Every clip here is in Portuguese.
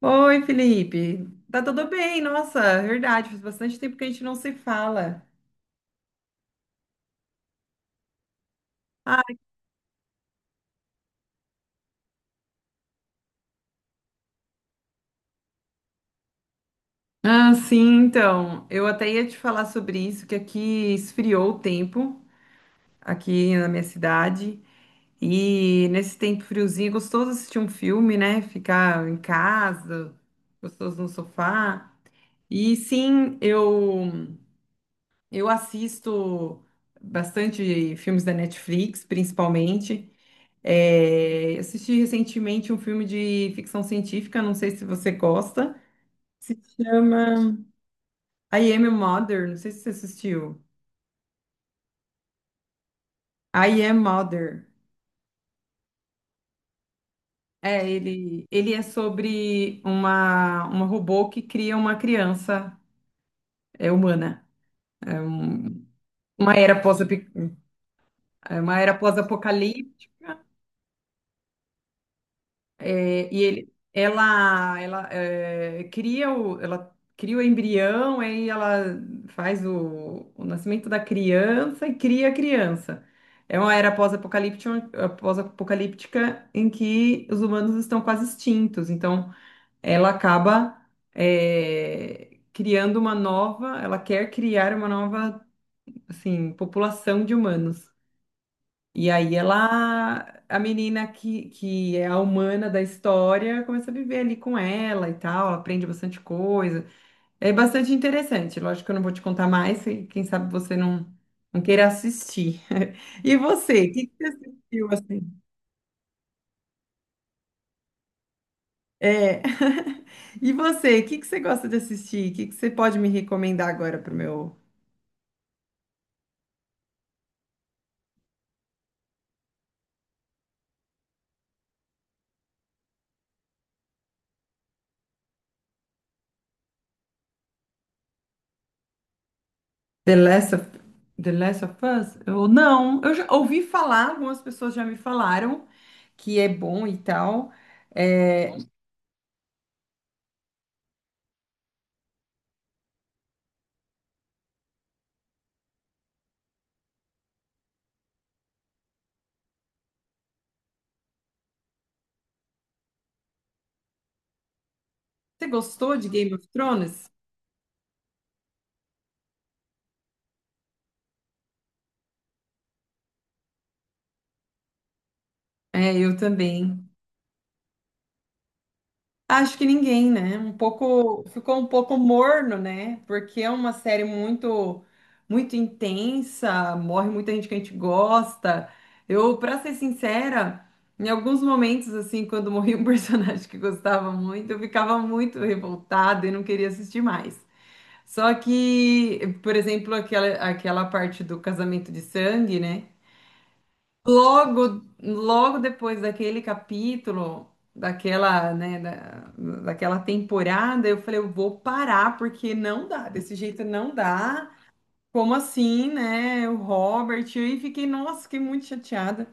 Oi, Felipe. Tá tudo bem? Nossa, verdade, faz bastante tempo que a gente não se fala. Ah, sim, então. Eu até ia te falar sobre isso, que aqui esfriou o tempo, aqui na minha cidade. E nesse tempo friozinho, é gostoso assistir um filme, né? Ficar em casa, gostoso no sofá. E sim, eu assisto bastante filmes da Netflix, principalmente. É, assisti recentemente um filme de ficção científica, não sei se você gosta. Se chama I Am a Mother, não sei se você assistiu. I Am Mother. É, ele é sobre uma robô que cria uma criança humana. É um- uma era pós, uma era pós-apocalíptica. É, e ela cria ela cria o embrião, aí ela faz o nascimento da criança e cria a criança. É uma era pós-apocalíptica, pós-apocalíptica em que os humanos estão quase extintos. Então, ela acaba criando uma nova, ela quer criar uma nova, assim, população de humanos. E aí ela, a menina que é a humana da história, começa a viver ali com ela e tal, ela aprende bastante coisa. É bastante interessante. Lógico que eu não vou te contar mais, e quem sabe você não queira assistir. E você, que você assistiu assim? É. E você, que você gosta de assistir? Que você pode me recomendar agora para o meu The Last of, The Last of Us? Não, eu já ouvi falar, algumas pessoas já me falaram que é bom e tal. É, você gostou de Game of Thrones? É, eu também. Acho que ninguém, né? Um pouco, ficou um pouco morno, né? Porque é uma série muito, muito intensa, morre muita gente que a gente gosta. Eu, pra ser sincera, em alguns momentos, assim, quando morria um personagem que gostava muito, eu ficava muito revoltada e não queria assistir mais. Só que, por exemplo, aquela parte do casamento de sangue, né? Logo, logo depois daquele capítulo, daquela, né, da, daquela temporada, eu falei, eu vou parar porque não dá, desse jeito não dá. Como assim, né? O Robert, e fiquei, nossa, fiquei muito chateada.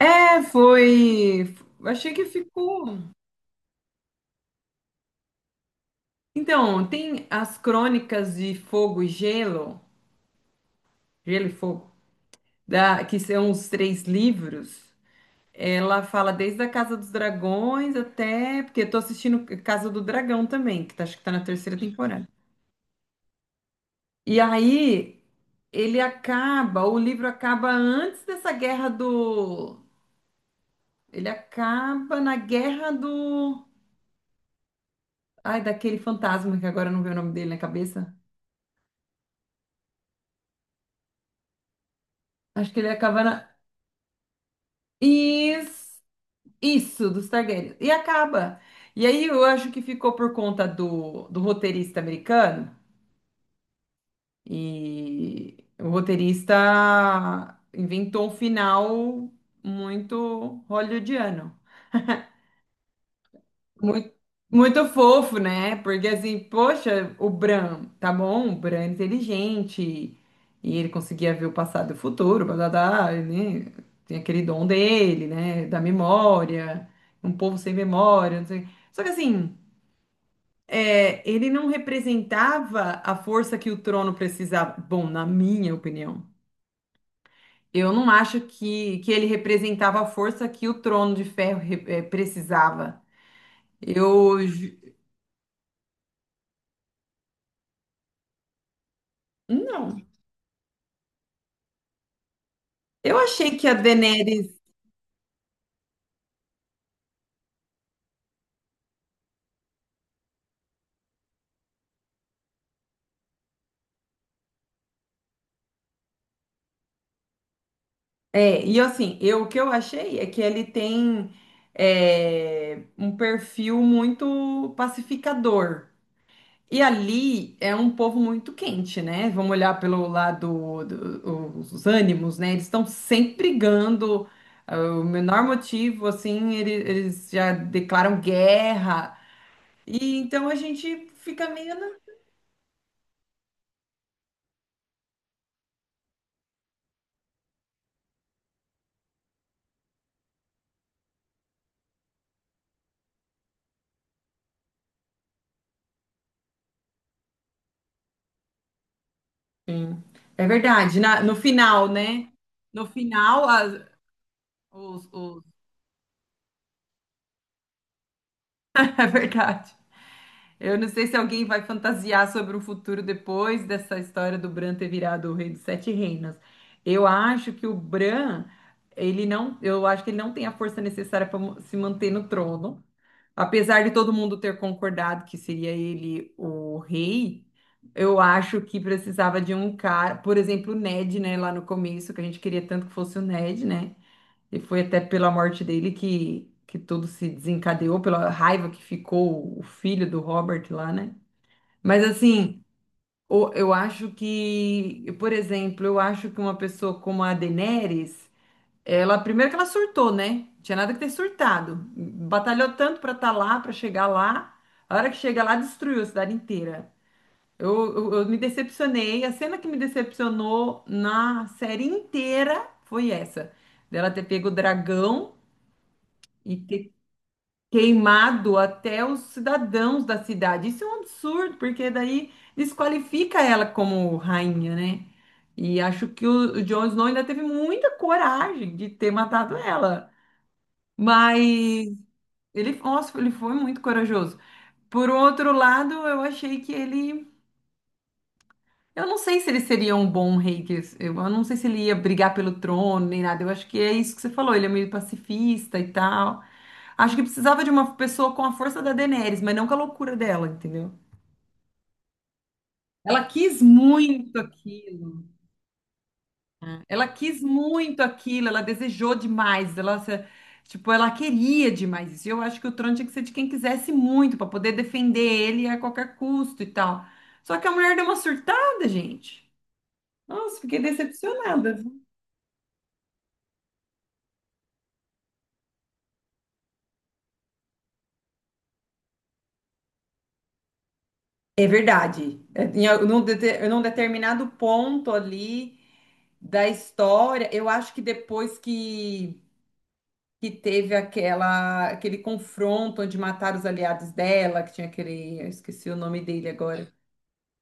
É, foi. Achei que ficou. Então, tem as crônicas de Fogo e Gelo, Gelo e Fogo, que são os três livros. Ela fala desde a Casa dos Dragões até. Porque eu tô assistindo Casa do Dragão também, que tá, acho que tá na terceira temporada. E aí, ele acaba, o livro acaba antes dessa guerra do. Ele acaba na guerra do. Ai, daquele fantasma que agora não vê o nome dele na cabeça. Acho que ele acaba na. Isso, isso, dos Targaryen. E acaba. E aí eu acho que ficou por conta do roteirista americano. E o roteirista inventou um final muito hollywoodiano. Muito, muito fofo, né? Porque assim, poxa, o Bran, tá bom, o Bran é inteligente e ele conseguia ver o passado e o futuro, blá, blá, blá, né? Tem aquele dom dele, né? Da memória, um povo sem memória, não sei. Só que assim, ele não representava a força que o trono precisava. Bom, na minha opinião. Eu não acho que ele representava a força que o Trono de Ferro precisava. Eu ju- não. Eu achei que a Daenerys e assim, eu o que eu achei é que ele tem um perfil muito pacificador. E ali é um povo muito quente, né? Vamos olhar pelo lado dos os ânimos, né? Eles estão sempre brigando. O menor motivo, assim, eles já declaram guerra. E então a gente fica meio assim. É verdade, no final, né? No final, os, os- é verdade. Eu não sei se alguém vai fantasiar sobre o futuro depois dessa história do Bran ter virado o rei dos sete reinos. Eu acho que o Bran, ele não, eu acho que ele não tem a força necessária para se manter no trono. Apesar de todo mundo ter concordado que seria ele o rei, eu acho que precisava de um cara, por exemplo, o Ned, né, lá no começo, que a gente queria tanto que fosse o Ned, né? E foi até pela morte dele que tudo se desencadeou, pela raiva que ficou o filho do Robert lá, né? Mas assim, eu acho que, por exemplo, eu acho que uma pessoa como a Daenerys ela, primeiro que ela surtou, né? Tinha nada que ter surtado. Batalhou tanto pra estar lá, pra chegar lá. A hora que chega lá, destruiu a cidade inteira. Eu me decepcionei. A cena que me decepcionou na série inteira foi essa. Dela ter pego o dragão e ter queimado até os cidadãos da cidade. Isso é um absurdo, porque daí desqualifica ela como rainha, né? E acho que o Jon Snow ainda teve muita coragem de ter matado ela. Mas ele, nossa, ele foi muito corajoso. Por outro lado, eu achei que ele. Eu não sei se ele seria um bom rei. Que Eu não sei se ele ia brigar pelo trono nem nada. Eu acho que é isso que você falou. Ele é meio pacifista e tal. Acho que precisava de uma pessoa com a força da Daenerys, mas não com a loucura dela, entendeu? Ela quis muito aquilo. Ela quis muito aquilo, ela desejou demais, ela, se- tipo, ela queria demais isso. E eu acho que o trono tinha que ser de quem quisesse muito, para poder defender ele a qualquer custo e tal. Só que a mulher deu uma surtada, gente. Nossa, fiquei decepcionada. É verdade. É, num determinado ponto ali da história, eu acho que depois que teve aquele confronto onde mataram os aliados dela, que tinha aquele, eu esqueci o nome dele agora.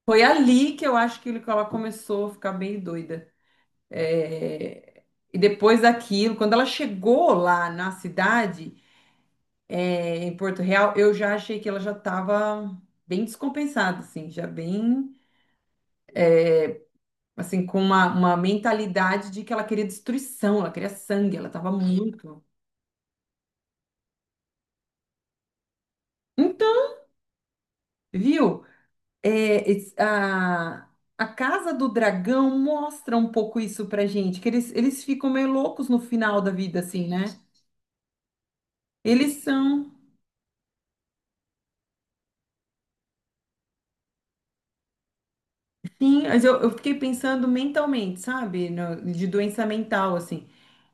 Foi ali que eu acho que ela começou a ficar bem doida. É, e depois daquilo, quando ela chegou lá na cidade, em Porto Real, eu já achei que ela já estava bem descompensada, assim, já bem, assim, com uma mentalidade de que ela queria destruição, ela queria sangue, ela estava muito. Então, viu? É, es- a, a Casa do Dragão mostra um pouco isso pra gente, eles ficam meio loucos no final da vida, assim, né? Eles são. Sim, mas eu fiquei pensando mentalmente, sabe? De doença mental, assim.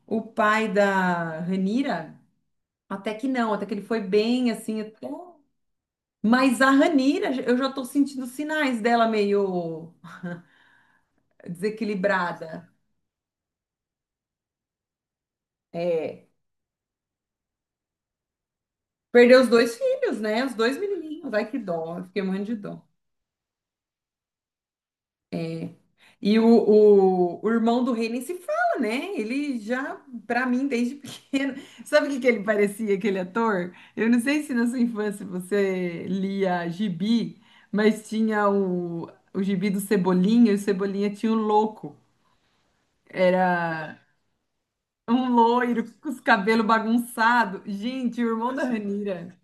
O pai da Ranira, até que não, até que ele foi bem, assim, até... Mas a Ranira, eu já tô sentindo sinais dela meio desequilibrada. É, perdeu os dois filhos, né? Os dois menininhos, ai que dó, eu fiquei morrendo de dó. É, e o irmão do rei nem se fala, né? Ele já, pra mim, desde pequeno. Sabe o que que ele parecia, aquele ator? Eu não sei se na sua infância você lia gibi, mas tinha o gibi do Cebolinha, e o Cebolinha tinha o louco. Era um loiro com os cabelos bagunçados. Gente, o irmão da Ranira.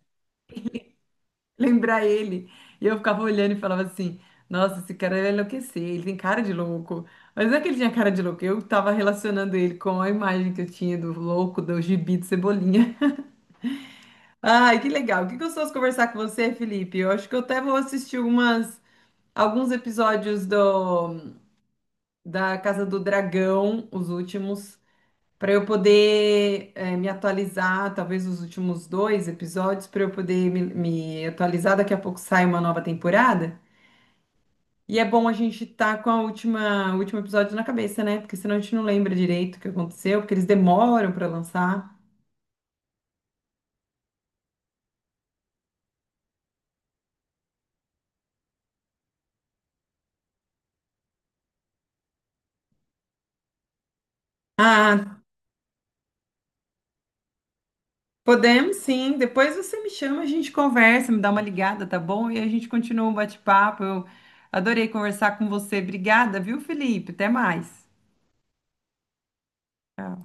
Lembrar ele. E eu ficava olhando e falava assim: Nossa, esse cara vai enlouquecer, ele tem cara de louco. Mas não é que ele tinha cara de louco, eu tava relacionando ele com a imagem que eu tinha do louco, do gibi de Cebolinha. Ai, que legal, que gostoso conversar com você, Felipe. Eu acho que eu até vou assistir umas, alguns episódios da Casa do Dragão, os últimos. Para eu poder me atualizar, talvez os últimos dois episódios, para eu poder me atualizar. Daqui a pouco sai uma nova temporada. E é bom a gente estar com a última, o último episódio na cabeça, né? Porque senão a gente não lembra direito o que aconteceu, porque eles demoram para lançar. Ah, podemos sim. Depois você me chama, a gente conversa, me dá uma ligada, tá bom? E a gente continua o bate-papo. Eu adorei conversar com você. Obrigada, viu, Felipe? Até mais. Tchau.